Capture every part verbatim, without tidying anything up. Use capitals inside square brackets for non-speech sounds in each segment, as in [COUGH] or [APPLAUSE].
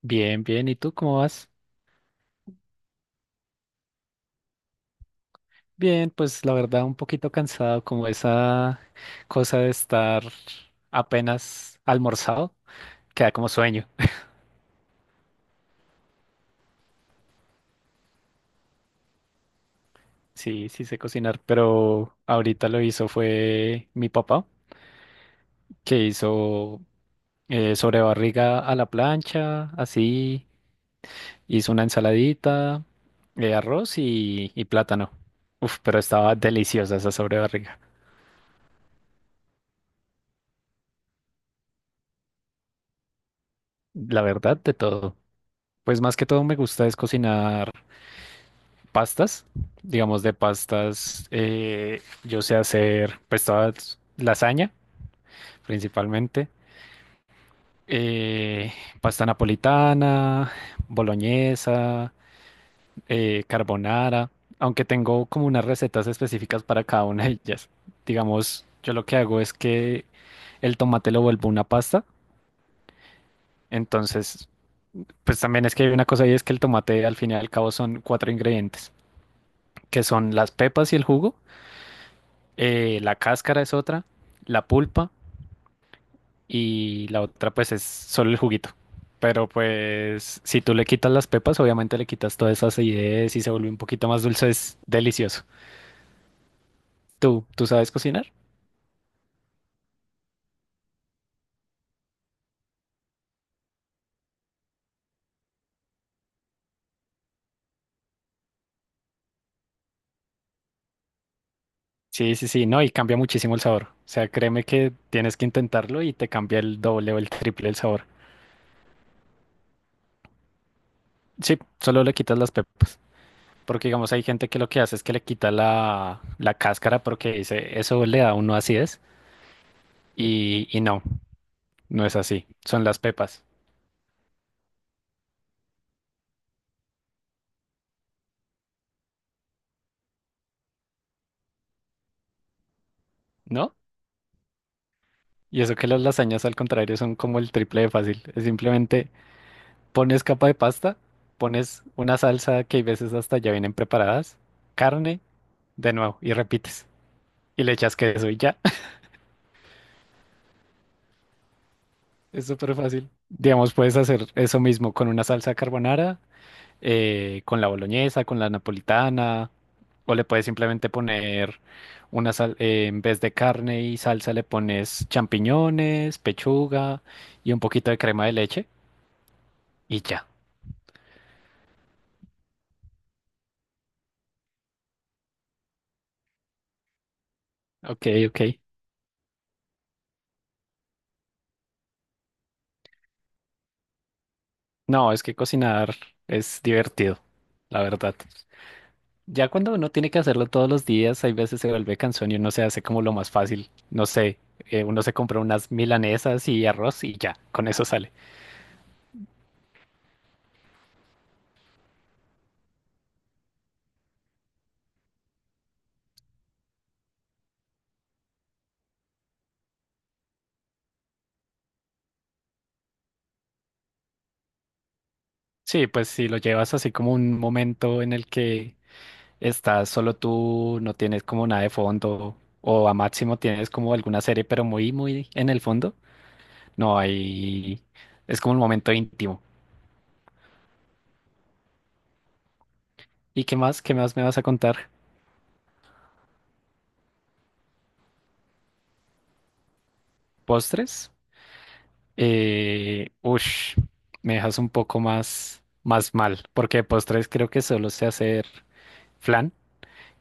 Bien, bien. ¿Y tú cómo vas? Bien, pues la verdad un poquito cansado, como esa cosa de estar apenas almorzado, queda como sueño. Sí, sí sé cocinar, pero ahorita lo hizo fue mi papá, que hizo eh, sobrebarriga a la plancha, así, hizo una ensaladita, eh, arroz y, y plátano. Uf, pero estaba deliciosa esa sobrebarriga. La verdad, de todo. Pues más que todo me gusta es cocinar pastas, digamos de pastas, eh, yo sé hacer pues todas lasaña principalmente, eh, pasta napolitana, boloñesa, eh, carbonara, aunque tengo como unas recetas específicas para cada una de ellas. Digamos, yo lo que hago es que el tomate lo vuelvo una pasta, entonces pues también es que hay una cosa ahí es que el tomate al fin y al cabo son cuatro ingredientes, que son las pepas y el jugo eh, la cáscara es otra, la pulpa y la otra pues es solo el juguito. Pero pues si tú le quitas las pepas, obviamente le quitas todas esas acidez y se vuelve un poquito más dulce, es delicioso. ¿Tú, tú sabes cocinar? Sí, sí, sí, no, y cambia muchísimo el sabor. O sea, créeme que tienes que intentarlo y te cambia el doble o el triple el sabor. Sí, solo le quitas las pepas. Porque digamos, hay gente que lo que hace es que le quita la, la cáscara porque dice, eso le da a uno acidez. Y, y no, no es así. Son las pepas. ¿No? Y eso que las lasañas al contrario son como el triple de fácil. Es simplemente pones capa de pasta, pones una salsa que hay veces hasta ya vienen preparadas, carne, de nuevo, y repites. Y le echas queso y ya. [LAUGHS] Es súper fácil. Digamos, puedes hacer eso mismo con una salsa carbonara, eh, con la boloñesa, con la napolitana, o le puedes simplemente poner una sal, eh, en vez de carne y salsa le pones champiñones, pechuga y un poquito de crema de leche y ya. Ok, ok. No, es que cocinar es divertido, la verdad. Ya cuando uno tiene que hacerlo todos los días, hay veces se vuelve cansón y uno se hace como lo más fácil. No sé, eh, uno se compra unas milanesas y arroz y ya, con eso sale. Sí, pues si lo llevas así como un momento en el que estás solo tú, no tienes como nada de fondo, o a máximo tienes como alguna serie, pero muy, muy en el fondo, no hay... Es como un momento íntimo. ¿Y qué más? ¿Qué más me vas a contar? ¿Postres? Eh, ush, Me dejas un poco más, más mal, porque de postres creo que solo sé hacer flan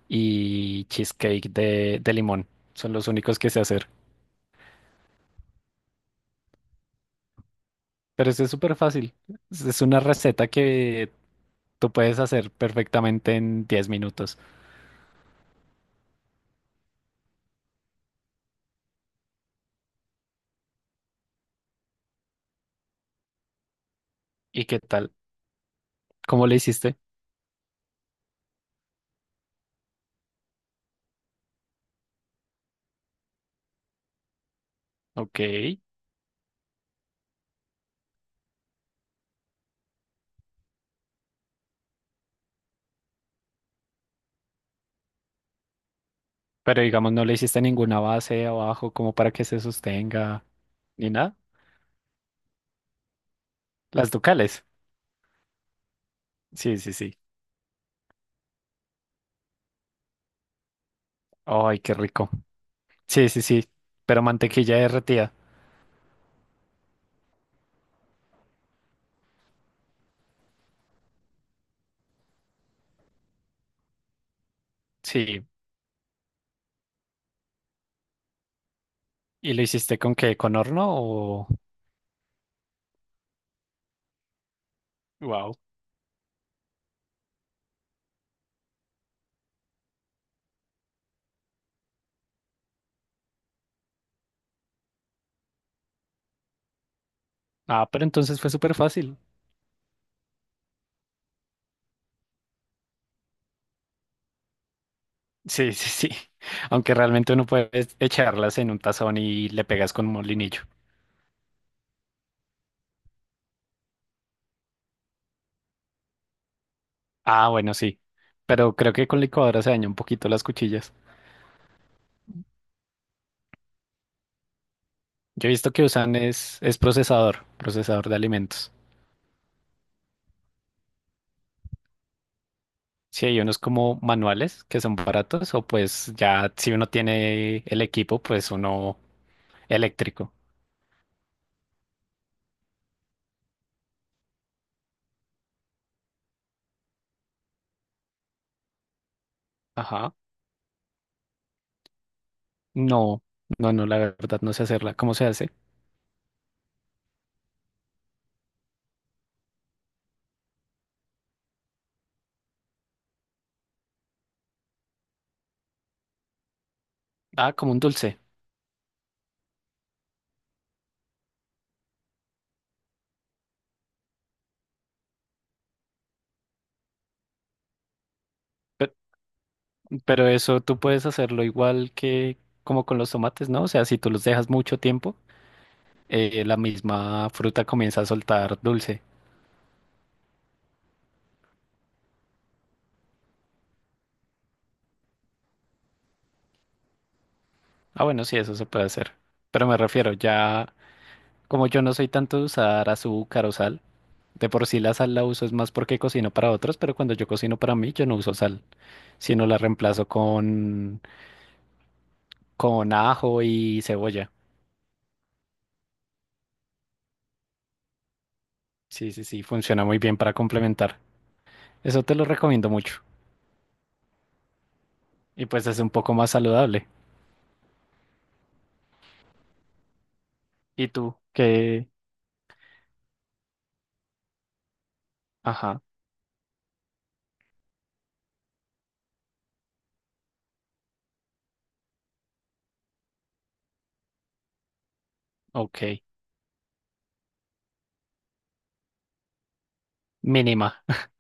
y cheesecake de, de limón. Son los únicos que sé hacer. Pero eso es súper fácil. Es es una receta que tú puedes hacer perfectamente en diez minutos. ¿Y qué tal? ¿Cómo le hiciste? Ok. Pero digamos, no le hiciste ninguna base abajo como para que se sostenga ni nada. Las ducales. Sí, sí, sí. Ay, qué rico. Sí, sí, sí, pero mantequilla derretida. Sí, ¿y lo hiciste con qué? ¿Con horno o...? Wow. Ah, pero entonces fue súper fácil. Sí, sí, sí. [LAUGHS] Aunque realmente uno puede echarlas en un tazón y le pegas con un molinillo. Ah, bueno, sí. Pero creo que con licuadora se daña un poquito las cuchillas. Yo he visto que usan es, es procesador, procesador de alimentos. Sí, hay unos como manuales que son baratos o pues ya si uno tiene el equipo, pues uno eléctrico. Ajá. No, no, no, la verdad no sé hacerla. ¿Cómo se hace? Ah, como un dulce. Pero eso tú puedes hacerlo igual que como con los tomates, ¿no? O sea, si tú los dejas mucho tiempo, eh, la misma fruta comienza a soltar dulce. Ah, bueno, sí, eso se puede hacer. Pero me refiero, ya como yo no soy tanto de usar azúcar o sal, de por sí la sal la uso es más porque cocino para otros, pero cuando yo cocino para mí, yo no uso sal, sino la reemplazo con, con ajo y cebolla. Sí, sí, sí, funciona muy bien para complementar. Eso te lo recomiendo mucho. Y pues es un poco más saludable. ¿Y tú? ¿Qué? Ajá, ok. Mínima. [LAUGHS]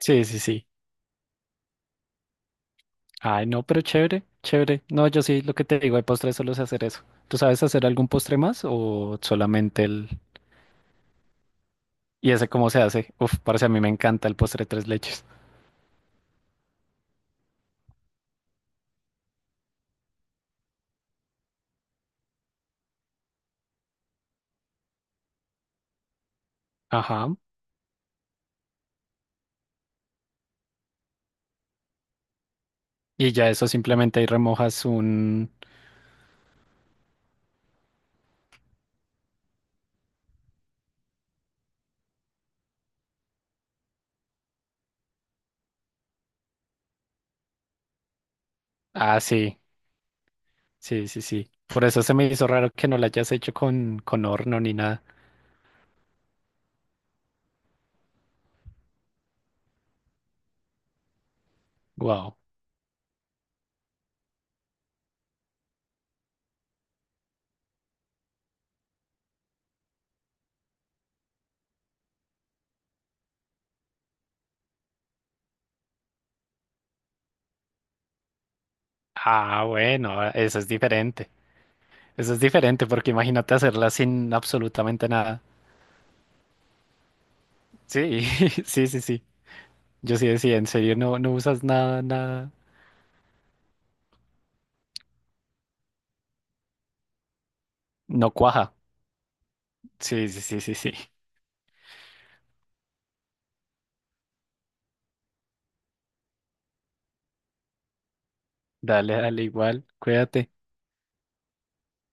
Sí, sí, sí. Ay, no, pero chévere, chévere. No, yo sí, lo que te digo, de postre solo sé hacer eso. ¿Tú sabes hacer algún postre más o solamente el... ¿Y ese cómo se hace? Uf, parce, a mí me encanta el postre tres leches. Ajá. Y ya eso simplemente ahí remojas un... Ah, sí, sí, sí, sí. Por eso se me hizo raro que no lo hayas hecho con, con horno ni nada. Wow. Ah, bueno, eso es diferente. Eso es diferente porque imagínate hacerla sin absolutamente nada. Sí, [LAUGHS] sí, sí, sí. Yo sí decía, en serio, no, no usas nada, nada. No cuaja. Sí, sí, sí, sí, sí. Dale, dale, igual. Cuídate.